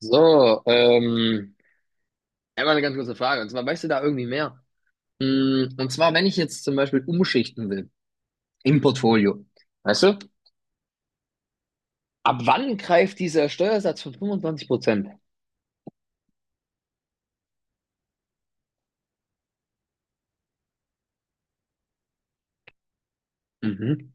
So, einmal eine ganz kurze Frage. Und zwar, weißt du da irgendwie mehr? Und zwar, wenn ich jetzt zum Beispiel umschichten will im Portfolio, weißt du, ab wann greift dieser Steuersatz von 25%? Mhm.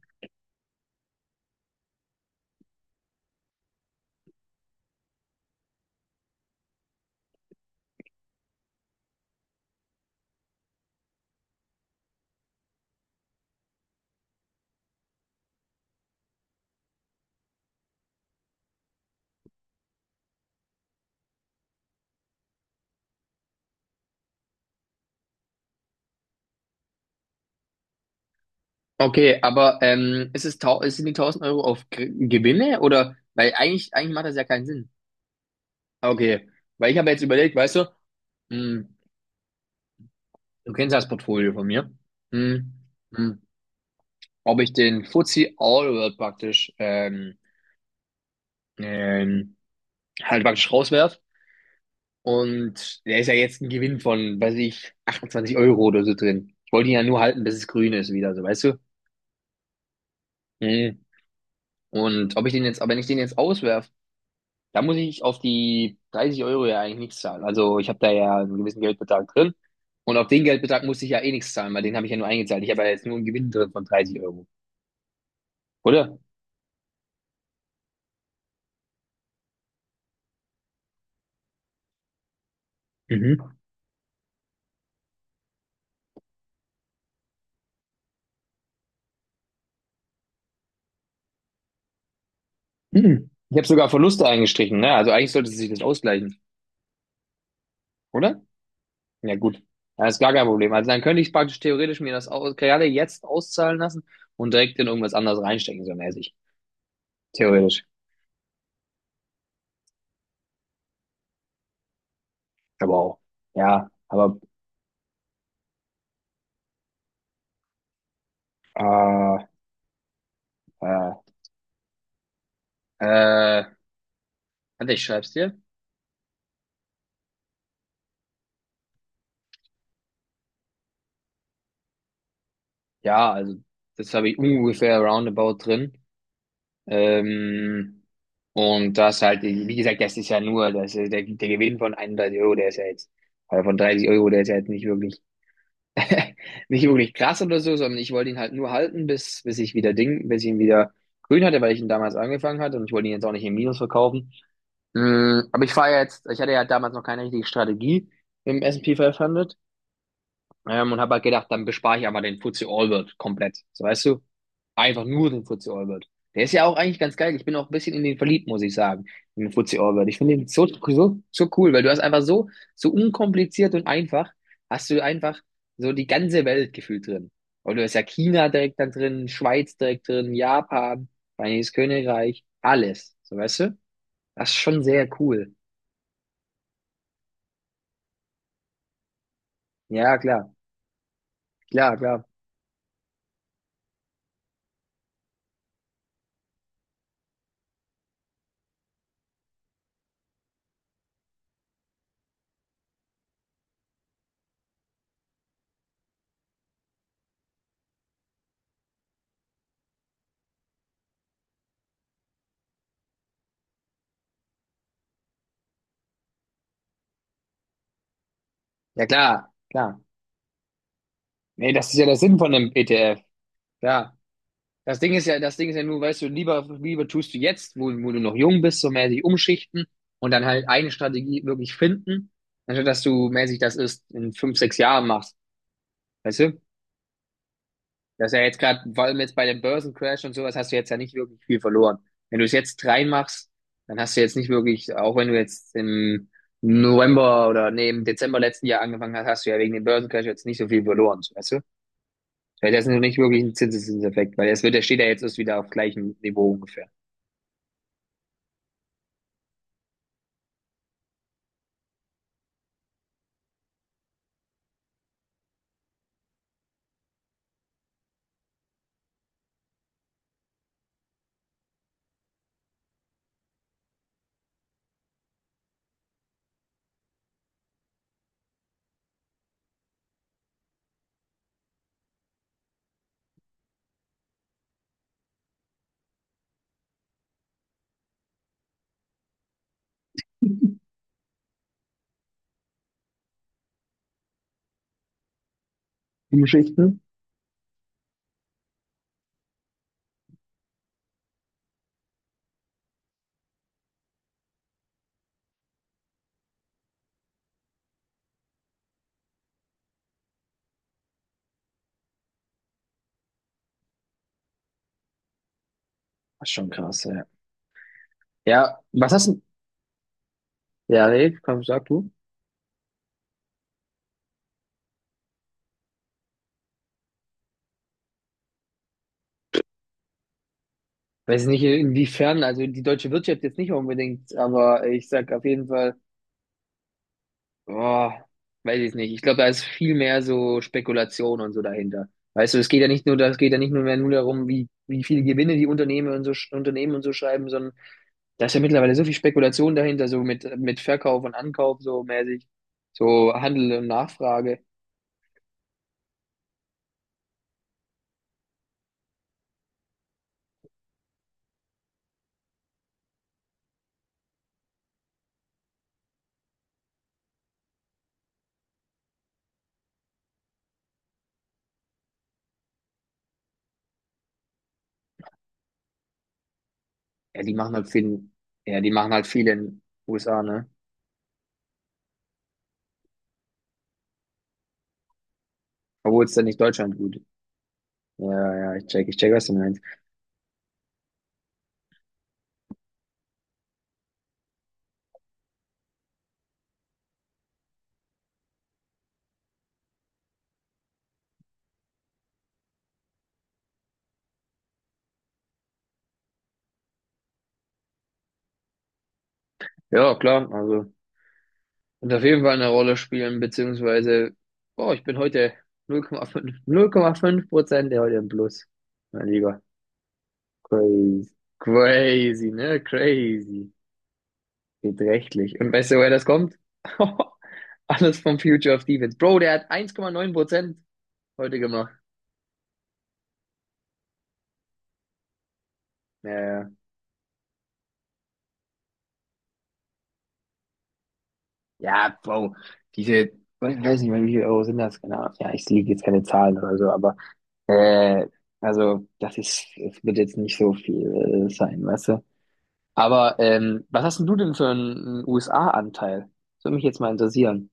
Okay, aber ist es tau sind die 1.000 € auf Gewinne oder? Weil eigentlich, eigentlich macht das ja keinen Sinn. Okay, weil ich habe jetzt überlegt, weißt du, mm, du kennst ja das Portfolio von mir, mm, mm, ob ich den FTSE All World praktisch ähm, halt praktisch rauswerf. Und der ist ja jetzt ein Gewinn von, weiß ich, 28 € oder so drin. Ich wollte ihn ja nur halten, bis es grün ist wieder, so, weißt du? Mhm. Und ob ich den jetzt, aber wenn ich den jetzt auswerf, da muss ich auf die 30 € ja eigentlich nichts zahlen. Also ich habe da ja einen gewissen Geldbetrag drin. Und auf den Geldbetrag muss ich ja eh nichts zahlen, weil den habe ich ja nur eingezahlt. Ich habe ja jetzt nur einen Gewinn drin von 30 Euro, oder? Mhm. Mhm. Ich habe sogar Verluste eingestrichen, ne? Also eigentlich sollte sich das ausgleichen, oder? Ja, gut. Das ist gar kein Problem. Also dann könnte ich praktisch theoretisch mir das aus gerade jetzt auszahlen lassen und direkt in irgendwas anderes reinstecken, so mäßig. Theoretisch. Aber auch. Ja, aber äh, äh, äh, warte, ich schreib's dir. Ja, also das habe ich ungefähr roundabout drin. Ähm, und das halt, wie gesagt, das ist ja nur, das ist der Gewinn von 31 Euro, der ist ja jetzt, oder von 30 Euro, der ist ja jetzt nicht wirklich nicht wirklich krass oder so, sondern ich wollte ihn halt nur halten, bis ich wieder Ding, bis ich ihn wieder grün hatte, weil ich ihn damals angefangen hatte und ich wollte ihn jetzt auch nicht im Minus verkaufen. Aber ich fahre jetzt, ich hatte ja damals noch keine richtige Strategie im S&P 500. Und habe halt gedacht, dann bespare ich einfach den FTSE All-World komplett. So, weißt du? Einfach nur den FTSE All-World. Der ist ja auch eigentlich ganz geil. Ich bin auch ein bisschen in den verliebt, muss ich sagen. In den FTSE All-World. Ich finde den so, so, so cool, weil du hast einfach so, so unkompliziert und einfach, hast du einfach so die ganze Welt gefühlt drin. Und du hast ja China direkt da drin, Schweiz direkt drin, Japan, Vereinigtes Königreich, alles. So, weißt du? Das ist schon sehr cool. Ja, klar, klar, klar. Ja, klar, klar. Nee, das ist ja der Sinn von einem ETF. Ja. Das Ding ist ja, das Ding ist ja nur, weißt du, lieber, lieber tust du jetzt, wo du noch jung bist, so mäßig umschichten und dann halt eine Strategie wirklich finden, anstatt dass du mäßig das erst in 5, 6 Jahren machst. Weißt du? Das ist ja jetzt gerade, vor allem jetzt bei dem Börsencrash und sowas, hast du jetzt ja nicht wirklich viel verloren. Wenn du es jetzt reinmachst, dann hast du jetzt nicht wirklich, auch wenn du jetzt im November oder nee, im Dezember letzten Jahr angefangen hast, hast du ja wegen dem Börsencrash jetzt nicht so viel verloren, weißt du? Weil das ist noch nicht wirklich ein Zinseszinseffekt, weil das wird, der steht ja jetzt erst wieder auf gleichem Niveau ungefähr. Die Geschichten. Das ist schon krass, ja. Ja, was hast du? Ja, nee, komm, sag du. Weiß nicht, inwiefern, also die deutsche Wirtschaft jetzt nicht unbedingt, aber ich sag auf jeden Fall, oh, weiß ich nicht. Ich glaube, da ist viel mehr so Spekulation und so dahinter. Weißt du, es geht ja nicht nur, das geht ja nicht nur mehr nur darum, wie viele Gewinne die Unternehmen und so, Unternehmen und so schreiben, sondern da ist ja mittlerweile so viel Spekulation dahinter, so mit Verkauf und Ankauf, so mäßig, so Handel und Nachfrage. Ja, die machen halt viel, ja, die machen halt viel in den USA, ne? Obwohl es dann nicht Deutschland gut. Ja, ja, ich check, was du meinst. Ja, klar, also wird auf jeden Fall eine Rolle spielen, beziehungsweise, oh, ich bin heute null Komma fünf Prozent der heute im Plus. Mein Lieber, crazy. Crazy, ne? Crazy. Beträchtlich. Und weißt du, woher das kommt? Alles vom Future of Defense. Bro, der hat 1,9% heute gemacht. Ja, ja, ja, Bro, diese, ich weiß nicht, wie viel Euro sind das, genau. Ja, ich liege jetzt keine Zahlen oder so, aber Äh, also, das ist, es wird jetzt nicht so viel sein, weißt du? Aber was hast denn du denn für einen USA-Anteil? Das würde mich jetzt mal interessieren.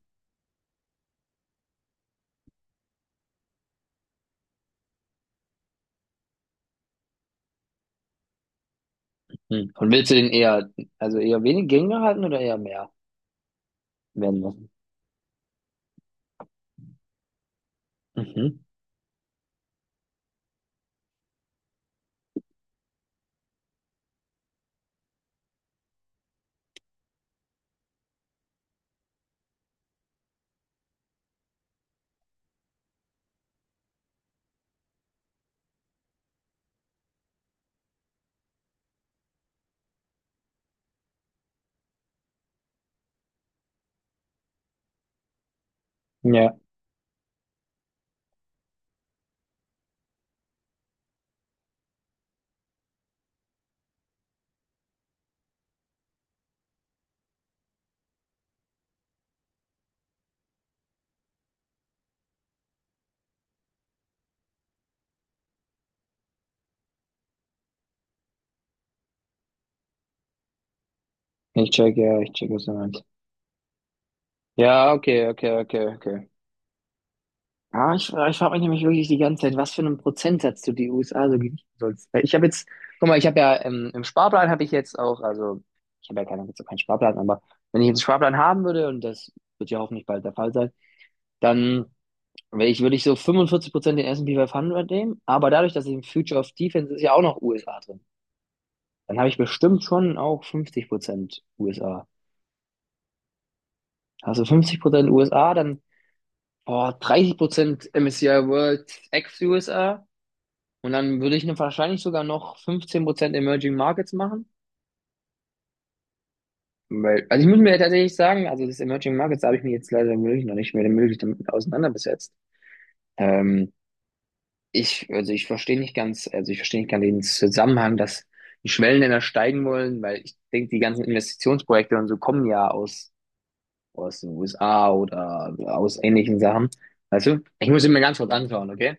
Hm. Und willst du den eher, also eher wenig geringer halten oder eher mehr werden lassen? Mhm. Ja, ja, ich check, was du meinst. Ja, okay, okay, okay, okay. Ja, ich frage mich nämlich wirklich die ganze Zeit, was für einen Prozentsatz du die USA so gewichten sollst. Weil ich habe jetzt, guck mal, ich habe ja im Sparplan habe ich jetzt auch, also ich habe ja keinen, jetzt auch keinen Sparplan, aber wenn ich jetzt einen Sparplan haben würde, und das wird ja hoffentlich bald der Fall sein, dann würde ich so 45% den S&P 500 nehmen, aber dadurch, dass ich im Future of Defense ist ja auch noch USA drin, dann habe ich bestimmt schon auch 50% USA. Also 50% USA, dann boah, 30% MSCI World ex-USA. Und dann würde ich wahrscheinlich sogar noch 15% Emerging Markets machen. Weil, also ich muss mir tatsächlich sagen, also das Emerging Markets da habe ich mich jetzt leider wirklich noch nicht mehr wirklich damit auseinandergesetzt. Ähm, Ich, also ich verstehe nicht ganz, also ich verstehe nicht ganz den Zusammenhang, dass die Schwellenländer steigen wollen, weil ich denke, die ganzen Investitionsprojekte und so kommen ja aus den USA oder aus ähnlichen Sachen. Weißt du? Ich muss ihn mir ganz kurz anschauen, okay?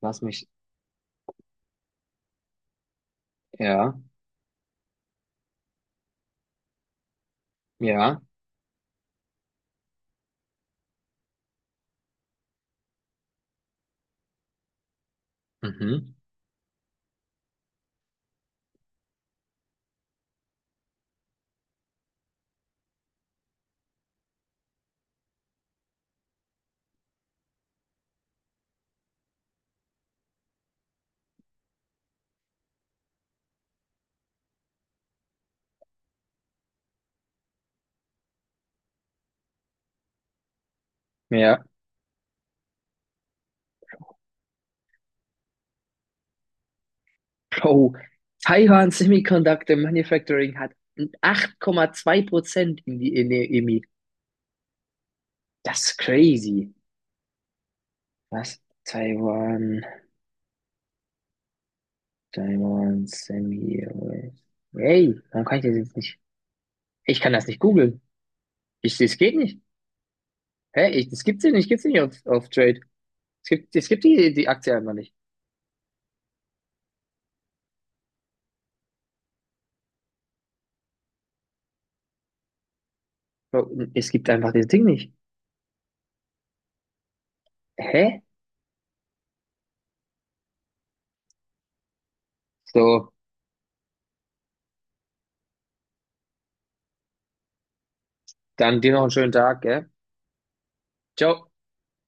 Lass mich, ja, ja, mhm, ja. Bro, Taiwan Semiconductor Manufacturing hat 8,2% in der EMI. Das ist crazy. Was? Taiwan Semi. Hey, warum kann ich das jetzt nicht? Ich kann das nicht googeln. Ich, das geht nicht. Hä? Ich, das gibt's hier nicht. Gibt's ja nicht auf Trade. Es gibt die Aktie einfach nicht. Bro, es gibt einfach das Ding nicht. Hä? So, dann dir noch einen schönen Tag, gell? Ciao.